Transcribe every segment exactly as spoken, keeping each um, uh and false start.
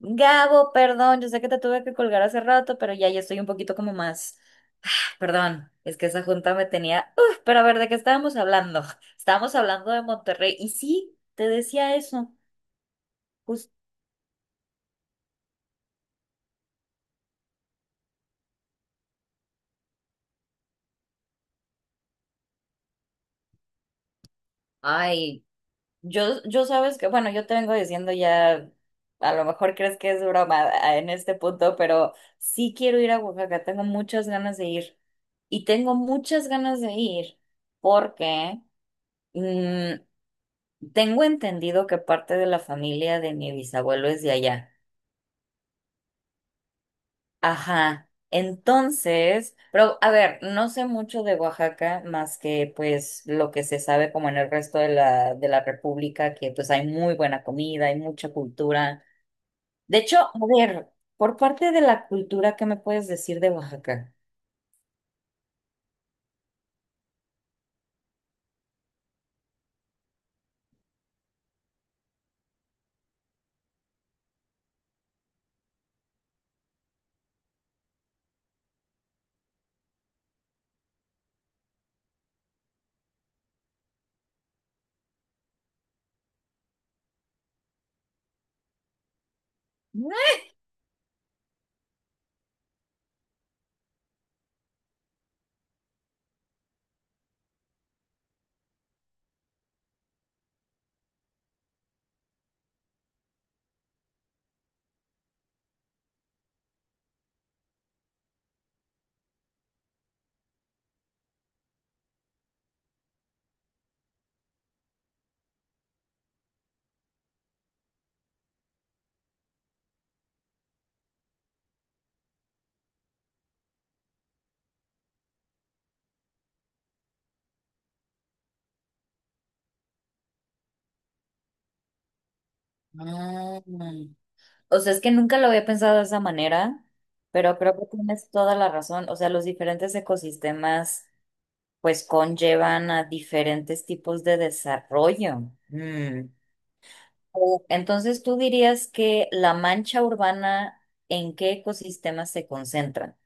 Gabo, perdón, yo sé que te tuve que colgar hace rato, pero ya, ya estoy un poquito como más. Ah, Perdón, es que esa junta me tenía. Uf, pero a ver, ¿de qué estábamos hablando? Estábamos hablando de Monterrey. Y sí, te decía eso. Pues, ay, yo, yo sabes que, bueno, yo te vengo diciendo ya, a lo mejor crees que es broma ah, en este punto, pero sí quiero ir a Oaxaca, tengo muchas ganas de ir. Y tengo muchas ganas de ir porque mm, tengo entendido que parte de la familia de mi bisabuelo es de allá. Ajá. Entonces, pero a ver, no sé mucho de Oaxaca más que pues lo que se sabe como en el resto de la, de la República, que pues hay muy buena comida, hay mucha cultura. De hecho, a ver, por parte de la cultura, ¿qué me puedes decir de Oaxaca? Ah, O sea, es que nunca lo había pensado de esa manera, pero creo que tienes toda la razón. O sea, los diferentes ecosistemas pues conllevan a diferentes tipos de desarrollo. Mm. O- Entonces, ¿tú dirías que la mancha urbana en qué ecosistemas se concentran?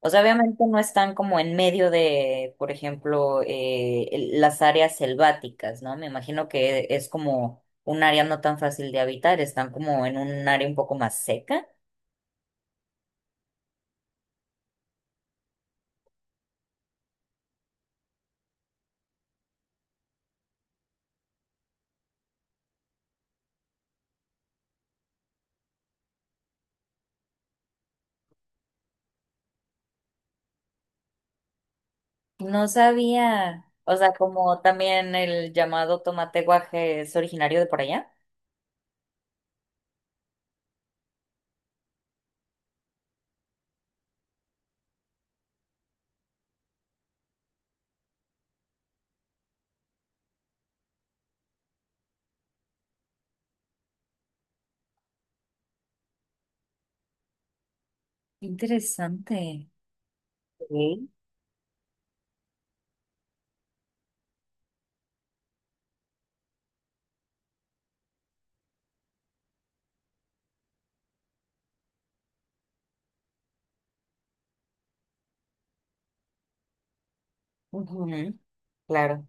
O sea, obviamente no están como en medio de, por ejemplo, eh, el- las áreas selváticas, ¿no? Me imagino que es como un área no tan fácil de habitar, están como en un área un poco más seca. No sabía, o sea, como también el llamado tomate guaje es originario de por allá. Interesante. Sí, ujú, claro.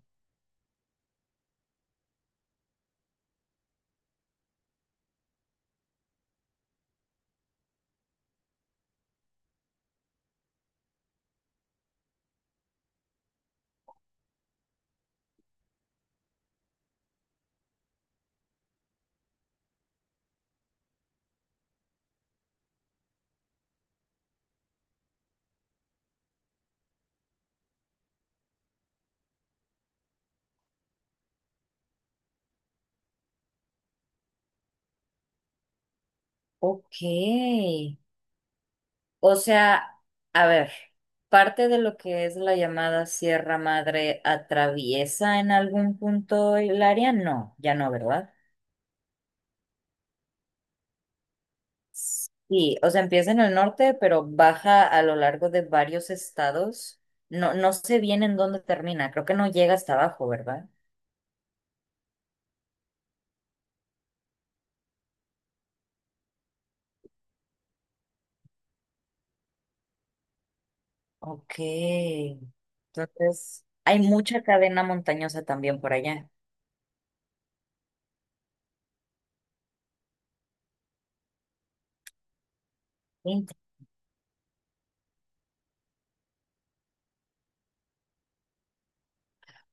Ok. O sea, a ver, parte de lo que es la llamada Sierra Madre atraviesa en algún punto el área, no, ya no, ¿verdad? Sí, o sea, empieza en el norte, pero baja a lo largo de varios estados. No, no sé bien en dónde termina, creo que no llega hasta abajo, ¿verdad? Ok. Entonces, hay mucha cadena montañosa también por allá.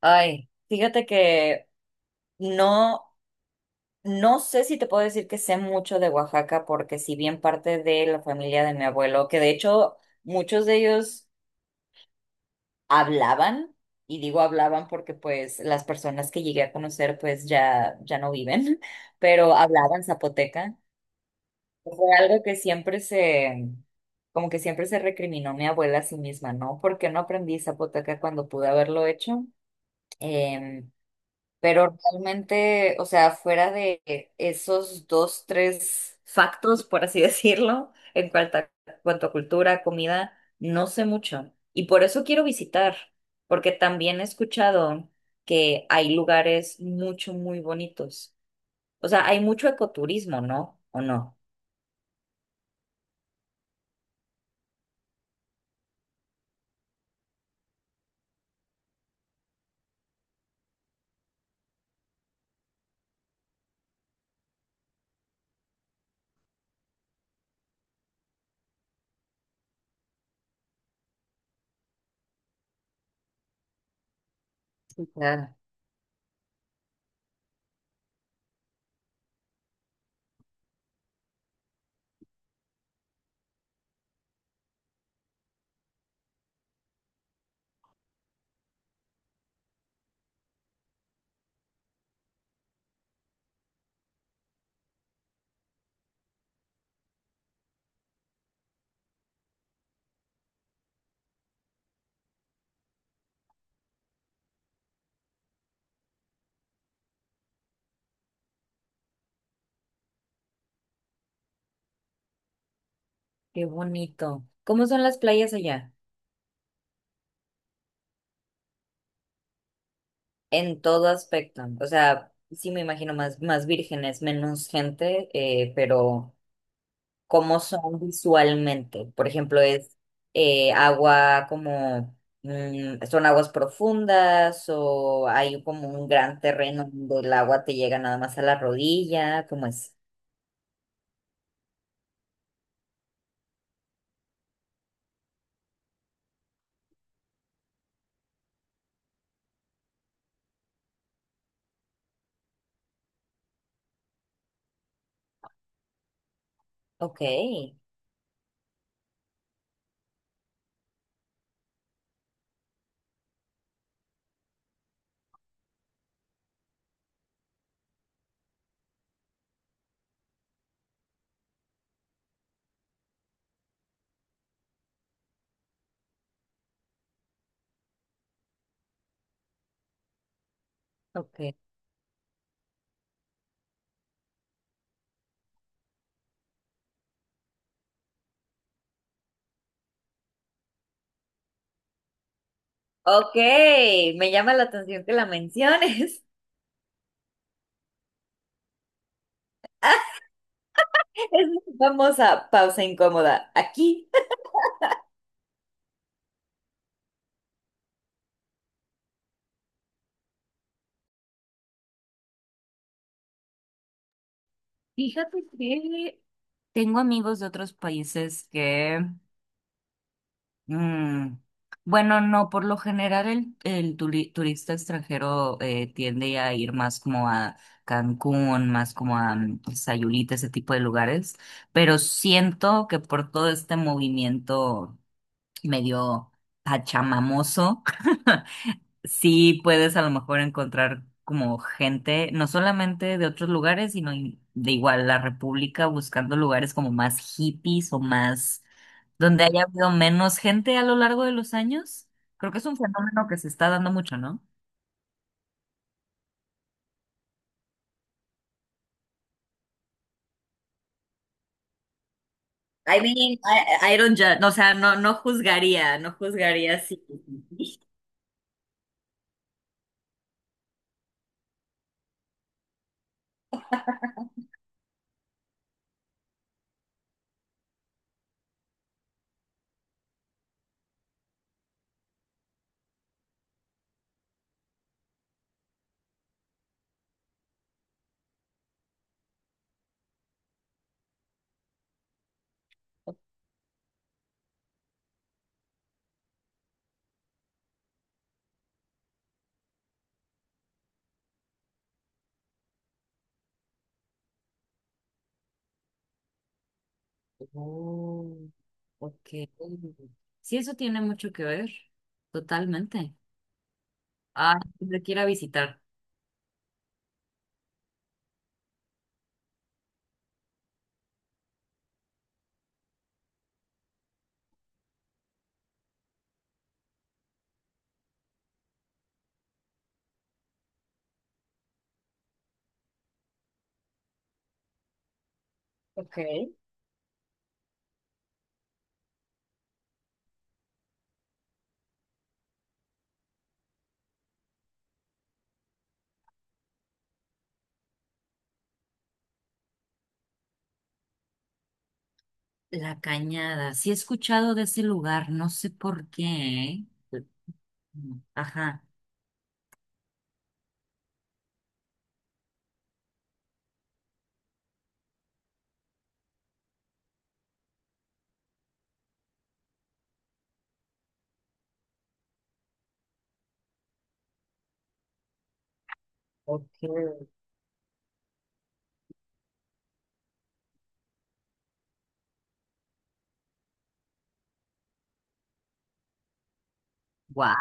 Ay, fíjate que no, no sé si te puedo decir que sé mucho de Oaxaca, porque si bien parte de la familia de mi abuelo, que de hecho muchos de ellos hablaban, y digo hablaban porque pues las personas que llegué a conocer pues ya, ya no viven, pero hablaban zapoteca. Pues, fue algo que siempre se, como que siempre se recriminó mi abuela a sí misma, ¿no? ¿Por qué no aprendí zapoteca cuando pude haberlo hecho? Em, Pero realmente, o sea, fuera de esos dos, tres factos, por así decirlo, en cuanto a, cuanto a cultura, comida, no sé mucho. Y por eso quiero visitar, porque también he escuchado que hay lugares mucho, muy bonitos. O sea, hay mucho ecoturismo, ¿no? ¿O no? Claro. Qué bonito. ¿Cómo son las playas allá? En todo aspecto. O sea, sí me imagino más, más vírgenes, menos gente, eh, pero. Cómo son visualmente. Por ejemplo, es eh, agua como, mm, son aguas profundas o hay como un gran terreno donde el agua te llega nada más a la rodilla, ¿cómo es? Ok, ok. Ok, me llama la atención que la menciones. Es muy famosa pausa incómoda. Aquí. Fíjate que tengo amigos de otros países que Mm, bueno, no, por lo general el, el turi- turista extranjero eh, tiende a ir más como a Cancún, más como a mm, Sayulita, ese tipo de lugares, pero siento que por todo este movimiento medio pachamamoso, sí puedes a lo mejor encontrar como gente, no solamente de otros lugares, sino in- de igual la República, buscando lugares como más hippies o más donde haya habido menos gente a lo largo de los años. Creo que es un fenómeno que se está dando mucho, ¿no? I mean, I, I don't ju- o sea, no, no juzgaría, no juzgaría si. Oh, ok. Sí, eso tiene mucho que ver, totalmente. Ah, te quiera visitar. Ok. La Cañada. Sí he escuchado de ese lugar, no sé por qué. ¿Eh? Ajá. Ok. Guau.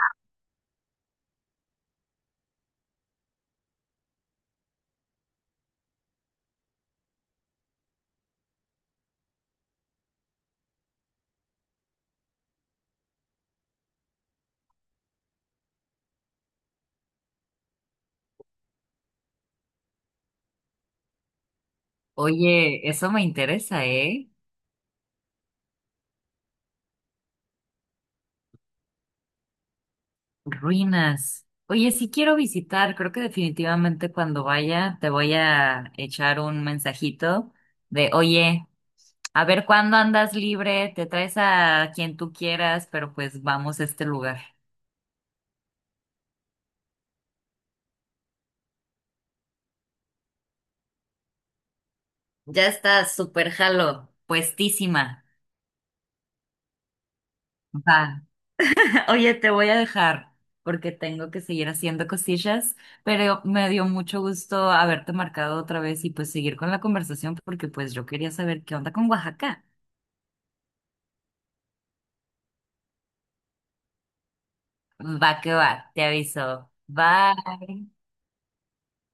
Oye, eso me interesa, ¿eh? Ruinas. Oye, sí quiero visitar. Creo que definitivamente cuando vaya te voy a echar un mensajito de, oye, a ver cuándo andas libre, te traes a quien tú quieras, pero pues vamos a este lugar. Ya está, súper jalo, puestísima. Va. Oye, te voy a dejar porque tengo que seguir haciendo cosillas, pero me dio mucho gusto haberte marcado otra vez y pues seguir con la conversación porque pues yo quería saber qué onda con Oaxaca. Va que va, te aviso. Bye.